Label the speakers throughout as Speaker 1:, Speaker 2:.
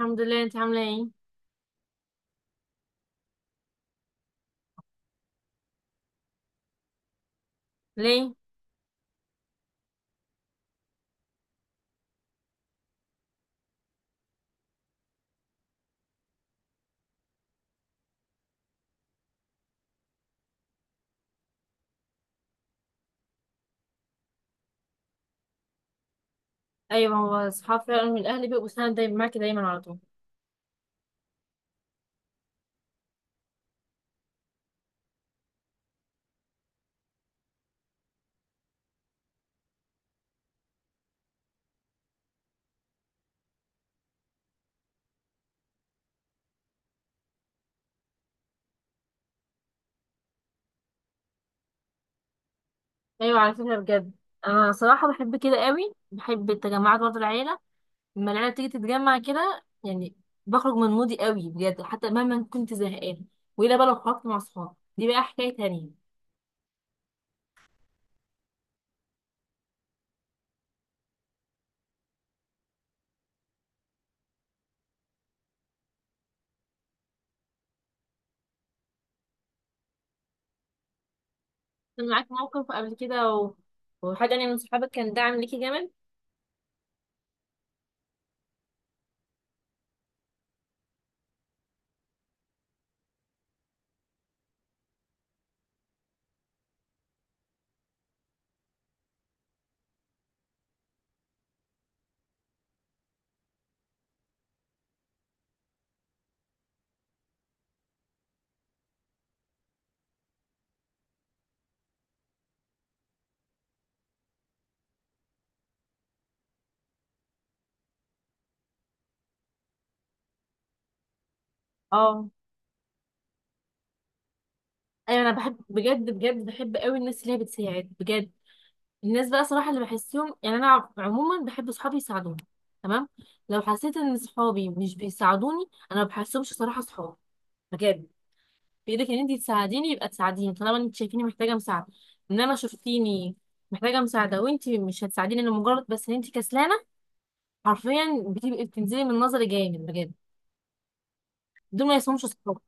Speaker 1: الحمد لله، انت عامله ايه؟ ليه؟ ايوه، هو اصحاب فعلا من الاهل بيبقوا سند دايما معاكي، دايما على طول. ايوه على فكره بجد. انا صراحه بحب كده قوي، بحب التجمعات برضه العيله. لما العيله بتيجي تتجمع كده يعني، بخرج من مودي قوي بجد حتى مهما كنت زهقانه. والا بقى لو خرجت مع صحابي دي بقى حكايه تانية. كان معاك موقف قبل كده، وحد يعني من صحابك كان داعم ليكي جامد؟ اه. ايوه انا بحب بجد بجد، بحب قوي الناس اللي هي بتساعد بجد. الناس بقى صراحة اللي بحسهم يعني أنا عموما بحب صحابي يساعدوني. تمام. لو حسيت إن صحابي مش بيساعدوني، أنا ما بحسهمش صراحة صحابي. بجد. بإيدك إن أنت تساعديني يبقى تساعديني طالما أنت شايفيني محتاجة مساعدة. إنما شفتيني محتاجة مساعدة وأنت مش هتساعديني لمجرد بس إن أنت كسلانة، حرفيا بتبقي بتنزلي من نظري جامد بجد. دول ما يسموش صحاب.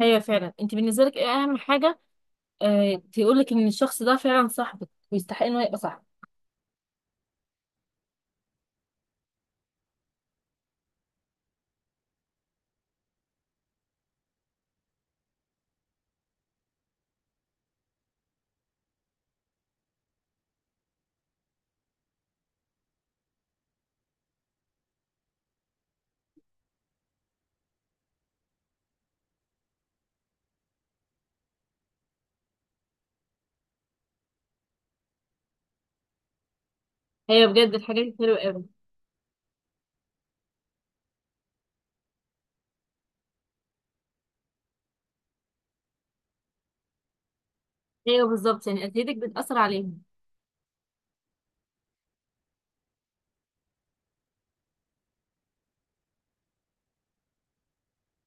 Speaker 1: هي فعلا، أنت بالنسبة لك إيه أهم حاجة؟ تقولك إن الشخص ده فعلا صاحبك ويستحق إنه يبقى صاحبك؟ هي بجد الحاجات دي حلوة أوي. ايوه بالظبط، يعني عقليتك بتأثر عليهم.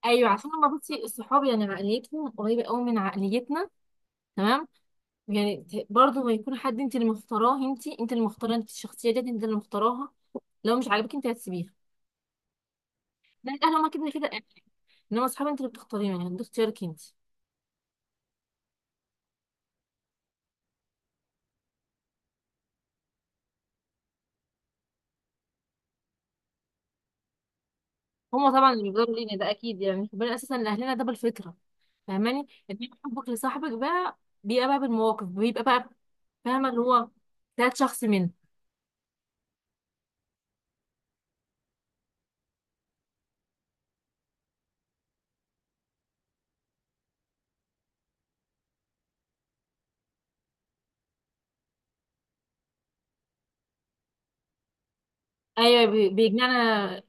Speaker 1: ايوه عشان لما بصي الصحاب يعني عقليتهم قريبه قوي من عقليتنا. تمام. يعني برضه ما يكون حد انت اللي مختاراه انت، انت اللي مختاره انت الشخصيه ديت انت اللي مختاراها. لو مش عاجبك انت هتسيبيها. ده الاهل هما كده كده اهل. انما الصحاب انت اللي بتختاريهم، يعني ده اختيارك انت. هما طبعا اللي بيقدروا لينا ده اكيد، يعني ربنا اساسا لاهلنا ده بالفطره. فاهماني؟ إنما حبك لصاحبك بقى بيبقى بقى بالمواقف، بيبقى بقى، فاهمه اللي هو ده شخص منك. ايوه، بيجمعنا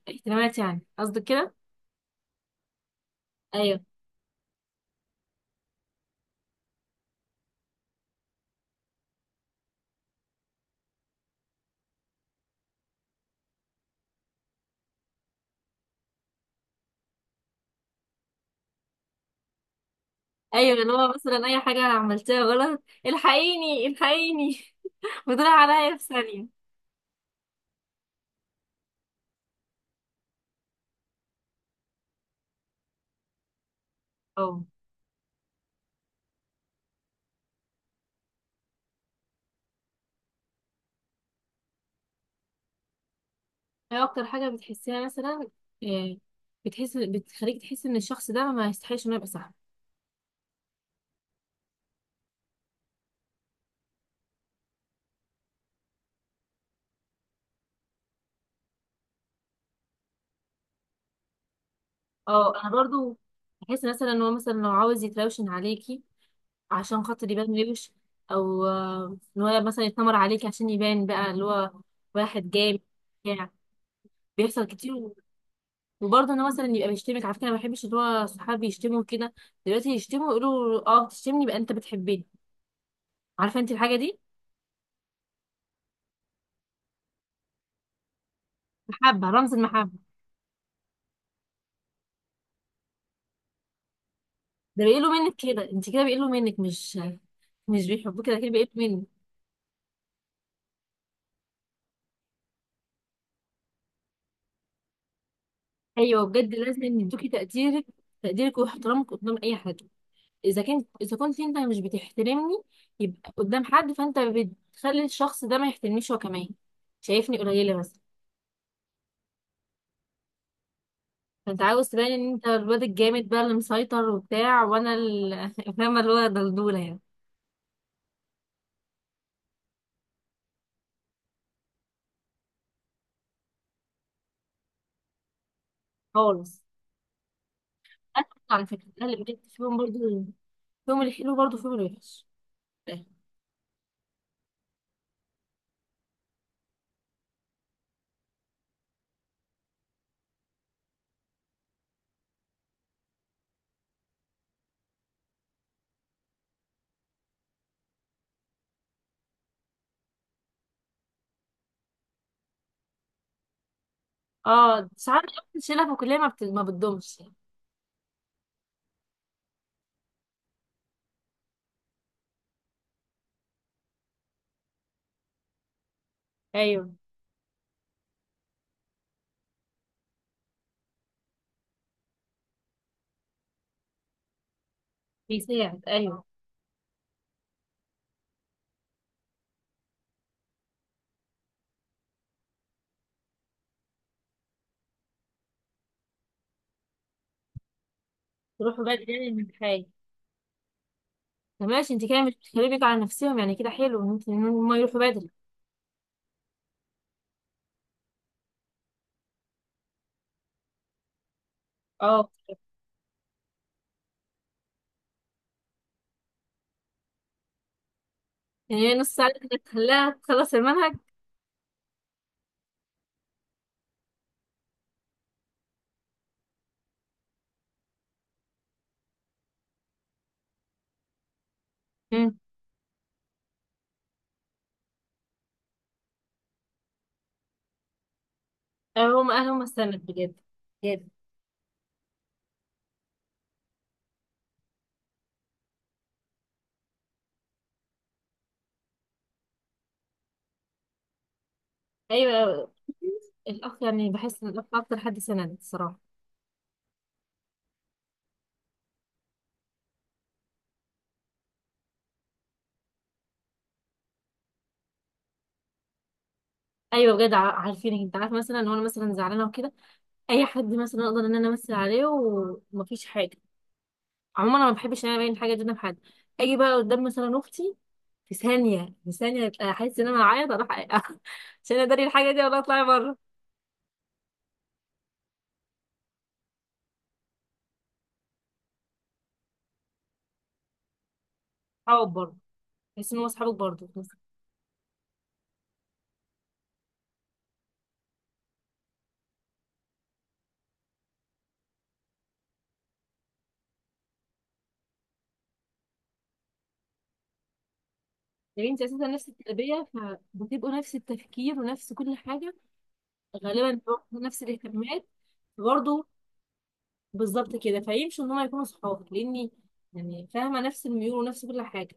Speaker 1: اهتمامات يعني قصدك كده؟ ايوه. ايوه اللي هو مثلا اي حاجه انا عملتها غلط، الحقيني الحقيني! بتروح عليا في ثانيه. اه. ايه اكتر حاجه بتحسيها مثلا، إيه، بتخليك تحس ان الشخص ده ما يستحقش انه يبقى صاحبك؟ اه، انا برضو بحس مثلا ان هو مثلا لو عاوز يتراوشن عليكي عشان خاطر يبان روش، او ان هو مثلا يتنمر عليكي عشان يبان بقى اللي هو واحد جامد. يعني بيحصل كتير. وبرضه انا مثلا يبقى بيشتمك على فكره، انا ما بحبش اللي هو صحابي يشتموا كده. دلوقتي يشتموا يقولوا اه تشتمني يبقى انت بتحبني. عارفه انت الحاجه دي؟ محبه، رمز المحبه. ده بيقولوا منك كده، انت كده بيقولوا منك، مش مش بيحبوك، كده كده بيقولوا منك. ايوه بجد، لازم يدوكي تقديرك، تقديرك واحترامك قدام اي حد. اذا كنت انت مش بتحترمني، يبقى قدام حد فانت بتخلي الشخص ده ما يحترمنيش هو كمان، شايفني قليله بس. انت عاوز تبان ان انت الواد الجامد بقى اللي مسيطر وبتاع، وانا فاهمه اللي هو دلدوله يعني. خالص. انا برضه على فكره، انا اللي بجد فيهم برضه فيهم الحلو برضه فيهم الوحش. اه ساعات. الشله في الكليه ما بتدومش يعني. ايوه، بيساعد ايوه. يروحوا بدري يعني من حاجه. طب ماشي، انت كده مش بتخليهم يجوا على نفسهم، يعني كده حلو ان هم يروحوا بدري. اه. يعني هي نص ساعه كده تخليها تخلص المنهج؟ امم. هم اهلهم استنت بجد بجد. ايوه الاخ، يعني بحس ان الاخ اكتر حد سند الصراحه. ايوه بجد، عارفينك انت عارف مثلا لو انا مثلا زعلانه وكده، اي حد مثلا اقدر ان انا امثل عليه ومفيش حاجه. عموما انا ما بحبش ان انا ابين حاجه قدام حد. اجي بقى قدام مثلا اختي، في ثانيه في ثانيه احس ان انا هعيط اروح عشان اداري الحاجه دي ولا اطلع بره. صحاب برضه، بحس ان هو اصحابك برضه في نفس- يا بنتي، اساسا نفس التربيه فبتبقوا نفس التفكير ونفس كل حاجه. غالبا بيبقوا نفس الاهتمامات. برضه. بالظبط كده، فيمشوا ان هم يكونوا صحاب لاني، يعني فاهمه نفس الميول ونفس كل حاجه.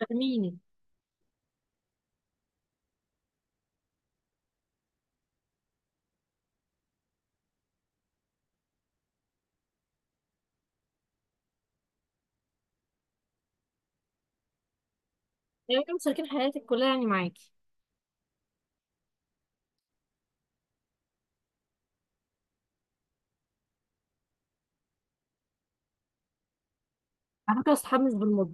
Speaker 1: فاهميني؟ يعني كانوا مشاركين حياتك كلها يعني معاكي. على فكره، اصحاب مش بالمده.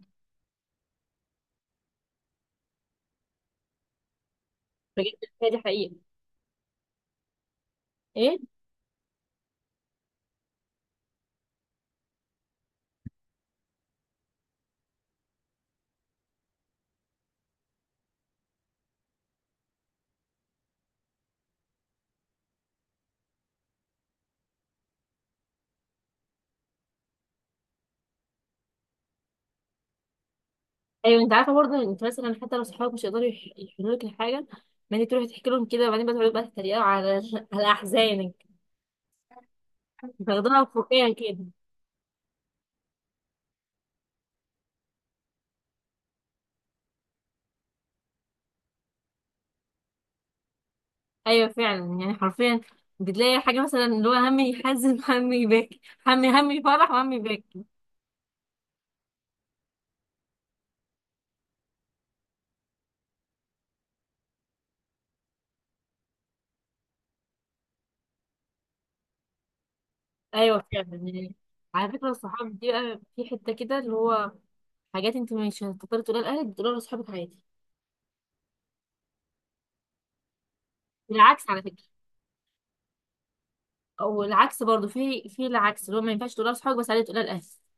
Speaker 1: بجد، هي دي حقيقه. ايه. ايوه انت عارفه برضه، انت مثلا حتى لو صحابك مش يقدروا يحلوا لك الحاجه، ما انت تروحي تحكي لهم كده وبعدين بقى تقعدوا بقى تتريقوا على احزانك. بتاخدوها فوقيها كده. ايوه فعلا يعني حرفيا، بتلاقي حاجه مثلا اللي هو همي يحزن همي يبكي، همي فرح وهمي يبكي. ايوه فعلا يعني. على فكره الصحاب دي بقى في حته كده اللي هو، حاجات انت مش هتقدري تقولها لاهلك، تقولها لاصحابك عادي. والعكس على فكره، او العكس برضه في العكس اللي هو ما ينفعش تقولها لاصحابك بس عادي تقولها لاهلك.